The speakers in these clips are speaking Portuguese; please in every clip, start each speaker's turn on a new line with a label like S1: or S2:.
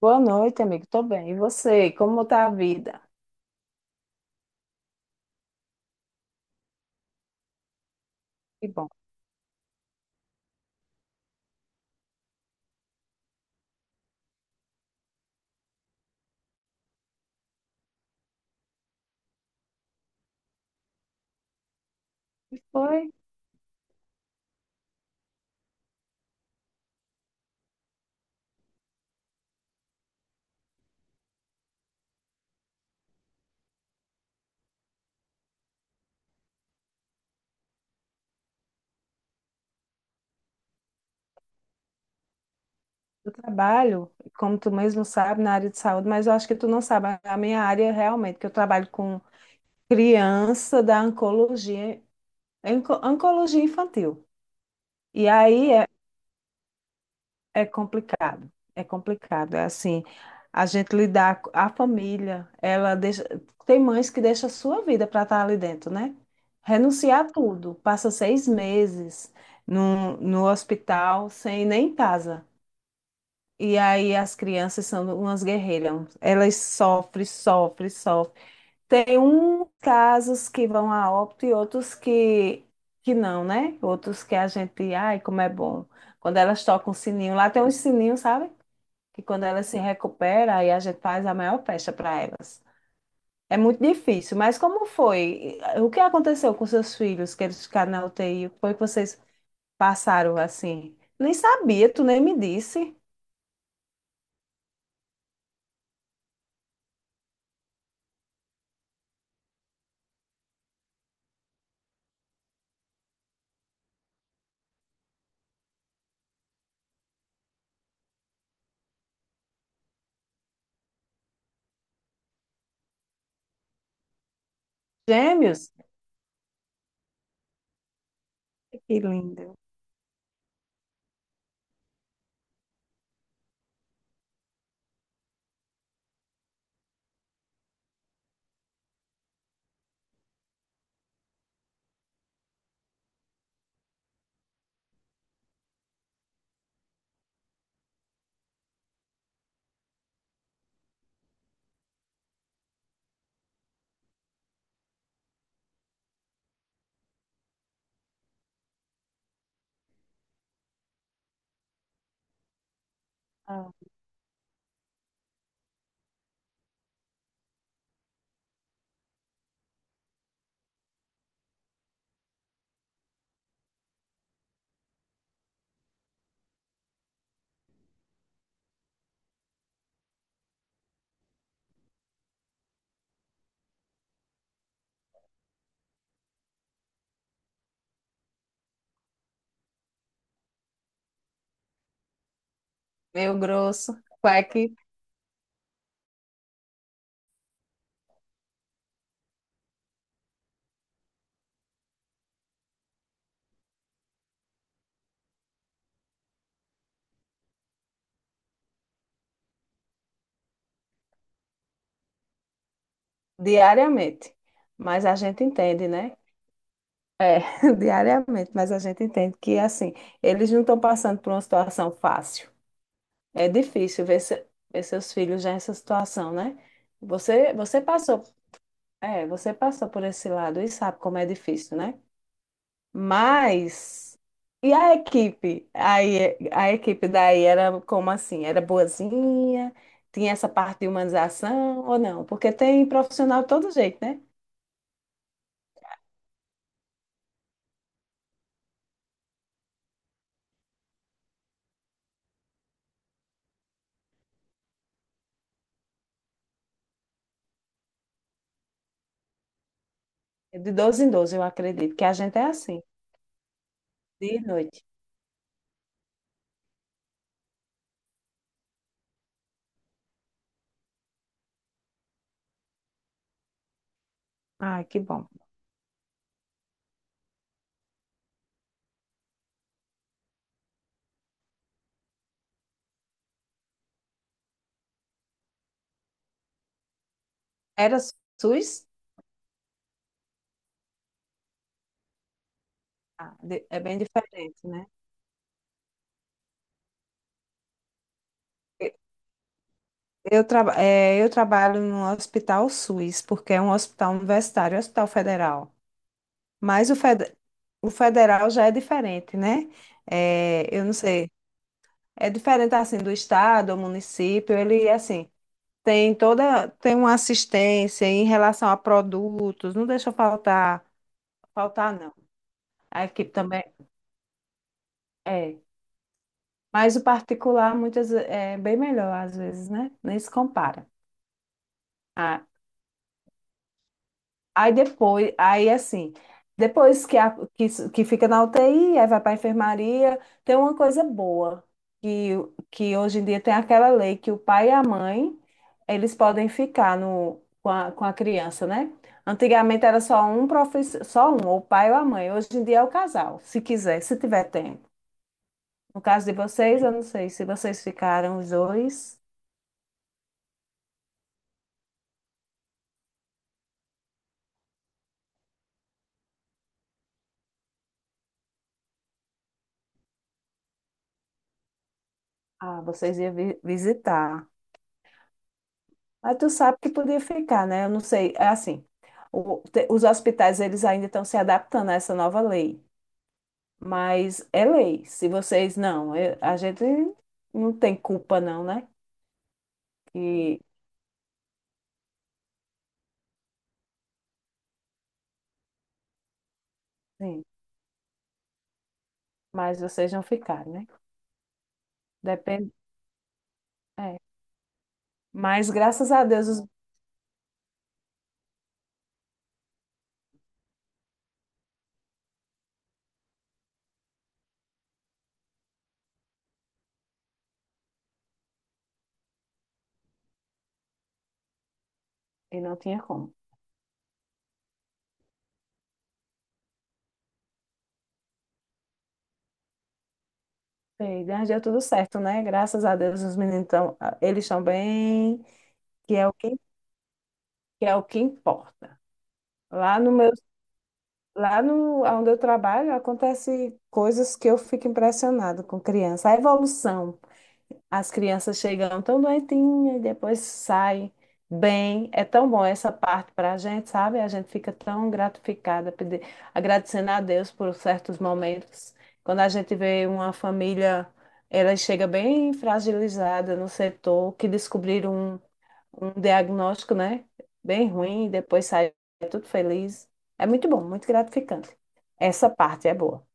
S1: Boa noite, amigo. Tô bem. E você? Como tá a vida? Que bom. E foi? Eu trabalho, como tu mesmo sabe, na área de saúde, mas eu acho que tu não sabe a minha área realmente, que eu trabalho com criança da oncologia, oncologia infantil. E aí, é complicado, é complicado. É assim, a gente lidar com a família, ela deixa, tem mães que deixam a sua vida para estar ali dentro, né? Renunciar a tudo, passa 6 meses no hospital sem nem casa. E aí as crianças são umas guerreiras, elas sofrem, sofrem, sofrem. Tem uns casos que vão a óbito e outros que não, né? Outros que a gente, ai, como é bom. Quando elas tocam o sininho, lá tem uns sininhos, sabe? Que quando elas se recuperam, aí a gente faz a maior festa para elas. É muito difícil, mas como foi? O que aconteceu com seus filhos, que eles ficaram na UTI? O que foi que vocês passaram assim? Nem sabia, tu nem me disse. Gêmeos? Que lindo. Ah, meio grosso, quack, diariamente. Mas a gente entende, né? É, diariamente, mas a gente entende que, assim, eles não estão passando por uma situação fácil. É difícil ver, ver seus filhos já nessa situação, né? Você, você passou, você passou por esse lado e sabe como é difícil, né? Mas e a equipe? Aí a equipe daí era como assim? Era boazinha? Tinha essa parte de humanização ou não? Porque tem profissional de todo jeito, né? De 12 em 12 eu acredito que a gente é assim, dia e noite. Ai, que bom. Era SUS? Ah, é bem diferente, né? Eu trabalho no Hospital SUS, porque é um hospital universitário, é um hospital federal. Mas o federal já é diferente, né? É, eu não sei, é diferente assim do estado, do município, ele assim tem uma assistência em relação a produtos, não deixa faltar, faltar não. A equipe também é, mas o particular é bem melhor às vezes, né? Nem se compara. Ah, aí depois, aí assim, depois que, a, que, s- que fica na UTI, aí vai para a enfermaria, tem uma coisa boa, que, que hoje em dia tem aquela lei que o pai e a mãe, eles podem ficar no, com a criança, né? Antigamente era só um profissional, só um, ou o pai ou a mãe. Hoje em dia é o casal, se quiser, se tiver tempo. No caso de vocês, eu não sei se vocês ficaram os dois, ah, vocês iam visitar. Mas tu sabe que podia ficar, né? Eu não sei, é assim, os hospitais eles ainda estão se adaptando a essa nova lei, mas é lei. Se vocês não, eu- a gente não tem culpa não, né? Que, sim, mas vocês não ficaram, né? Depende, é. Mas graças a Deus e não tinha como. Sei, mas deu tudo certo, né? Graças a Deus os meninos estão, eles estão bem, que é o que, que é o que importa. Lá no meu Lá no, onde eu trabalho, acontece coisas que eu fico impressionada com criança. A evolução. As crianças chegam tão doentinhas e depois saem bem. É tão bom essa parte para a gente, sabe? A gente fica tão gratificada, agradecendo a Deus por certos momentos. Quando a gente vê uma família, ela chega bem fragilizada no setor, que descobriram um diagnóstico, né? Bem ruim, e depois sai tudo feliz. É muito bom, muito gratificante. Essa parte é boa,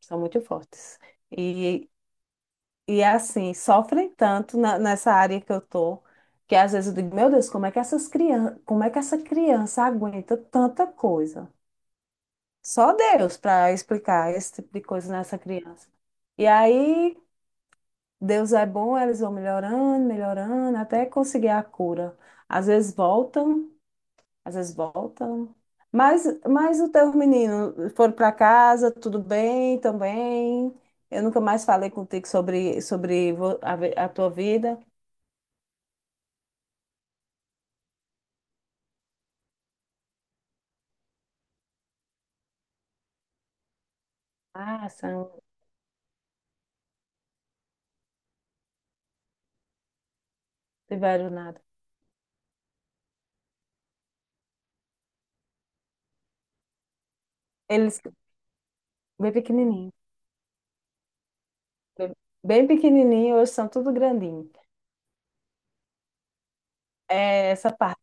S1: são muito fortes. E, e assim, sofrem tanto nessa área que eu tô, que às vezes eu digo, meu Deus, como é que essas crianças, como é que essa criança aguenta tanta coisa? Só Deus para explicar esse tipo de coisa nessa criança. E aí, Deus é bom, eles vão melhorando, melhorando, até conseguir a cura. Às vezes voltam Às vezes voltam. Mas o teu menino, foram para casa, tudo bem também? Eu nunca mais falei contigo sobre a tua vida. Ah, são, tiveram nada. Eles, bem pequenininho. Bem, bem pequenininho, hoje são tudo grandinho. É essa parte,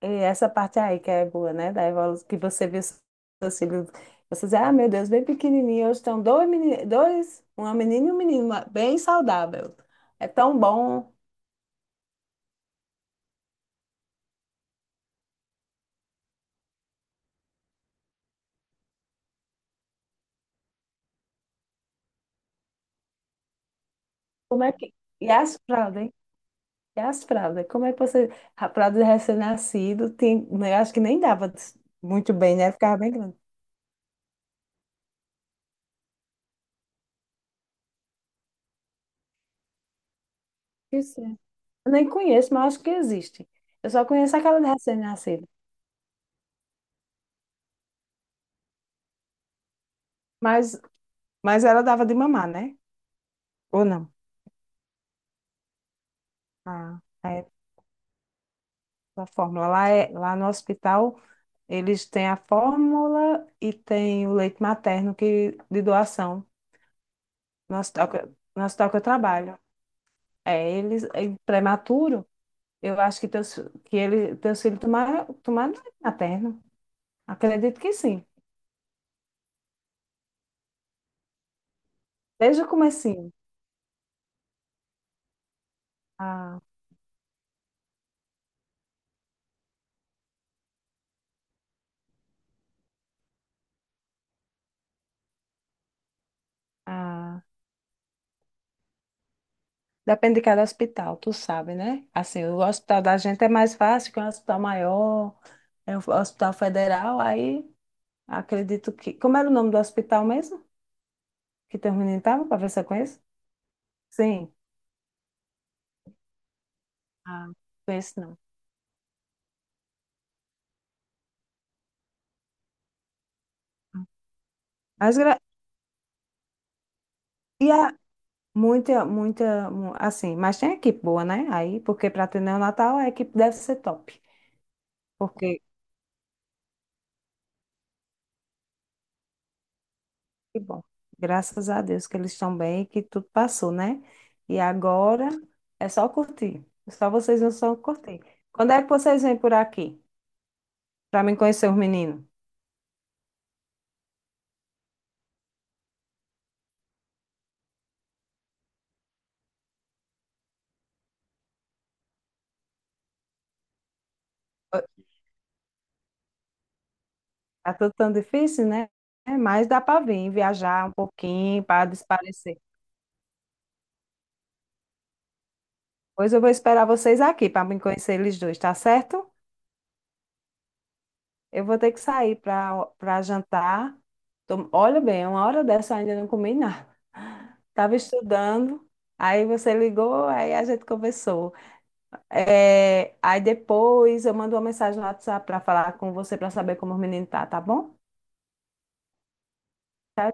S1: é essa parte aí que é boa, né? Da evolução, que você vê seus filhos. Você diz, ah, meu Deus, bem pequenininho. Hoje estão dois, uma menina e um menino, bem saudável. É tão bom. Como é que. E as fraldas, hein? E as fraldas? Como é que você. A fralda de recém-nascido, tem, né, eu acho que nem dava muito bem, né? Ficava bem grande. Isso é. Eu nem conheço, mas acho que existe. Eu só conheço aquela de recém-nascido. Mas, mas ela dava de mamar, né? Ou não? Ah, é a fórmula. Lá no hospital, eles têm a fórmula e tem o leite materno que, de doação. No hospital que... no hospital que eu trabalho. É, eles. É prematuro. Eu acho que teus filhos tomaram leite materno. Acredito que sim. Desde o comecinho. A, a... Depende de cada hospital, tu sabe, né? Assim, o hospital da gente é mais fácil, que é um hospital maior, é um hospital federal, aí acredito que... Como era o nome do hospital mesmo? Que teu menino estava, para ver se eu conheço? Sim. Ah, conheço não. Mas, gra- e a... assim, mas tem equipe boa, né? Aí, porque para ter neonatal, a equipe deve ser top. Porque Que bom. Graças a Deus que eles estão bem e que tudo passou, né? E agora é só curtir. Só vocês não só curtir. Quando é que vocês vêm por aqui? Para mim conhecer os meninos? Tá tudo tão difícil, né? É, mas dá para vir viajar um pouquinho para desaparecer. Pois eu vou esperar vocês aqui para me conhecer eles dois, tá certo? Eu vou ter que sair para jantar. Olha bem, uma hora dessa eu ainda não comi nada. Tava estudando, aí você ligou, aí a gente conversou. É, aí depois eu mando uma mensagem no WhatsApp para falar com você para saber como o menino tá, tá bom? Tchau,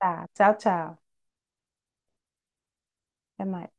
S1: tchau, tchau, tchau. Até mais.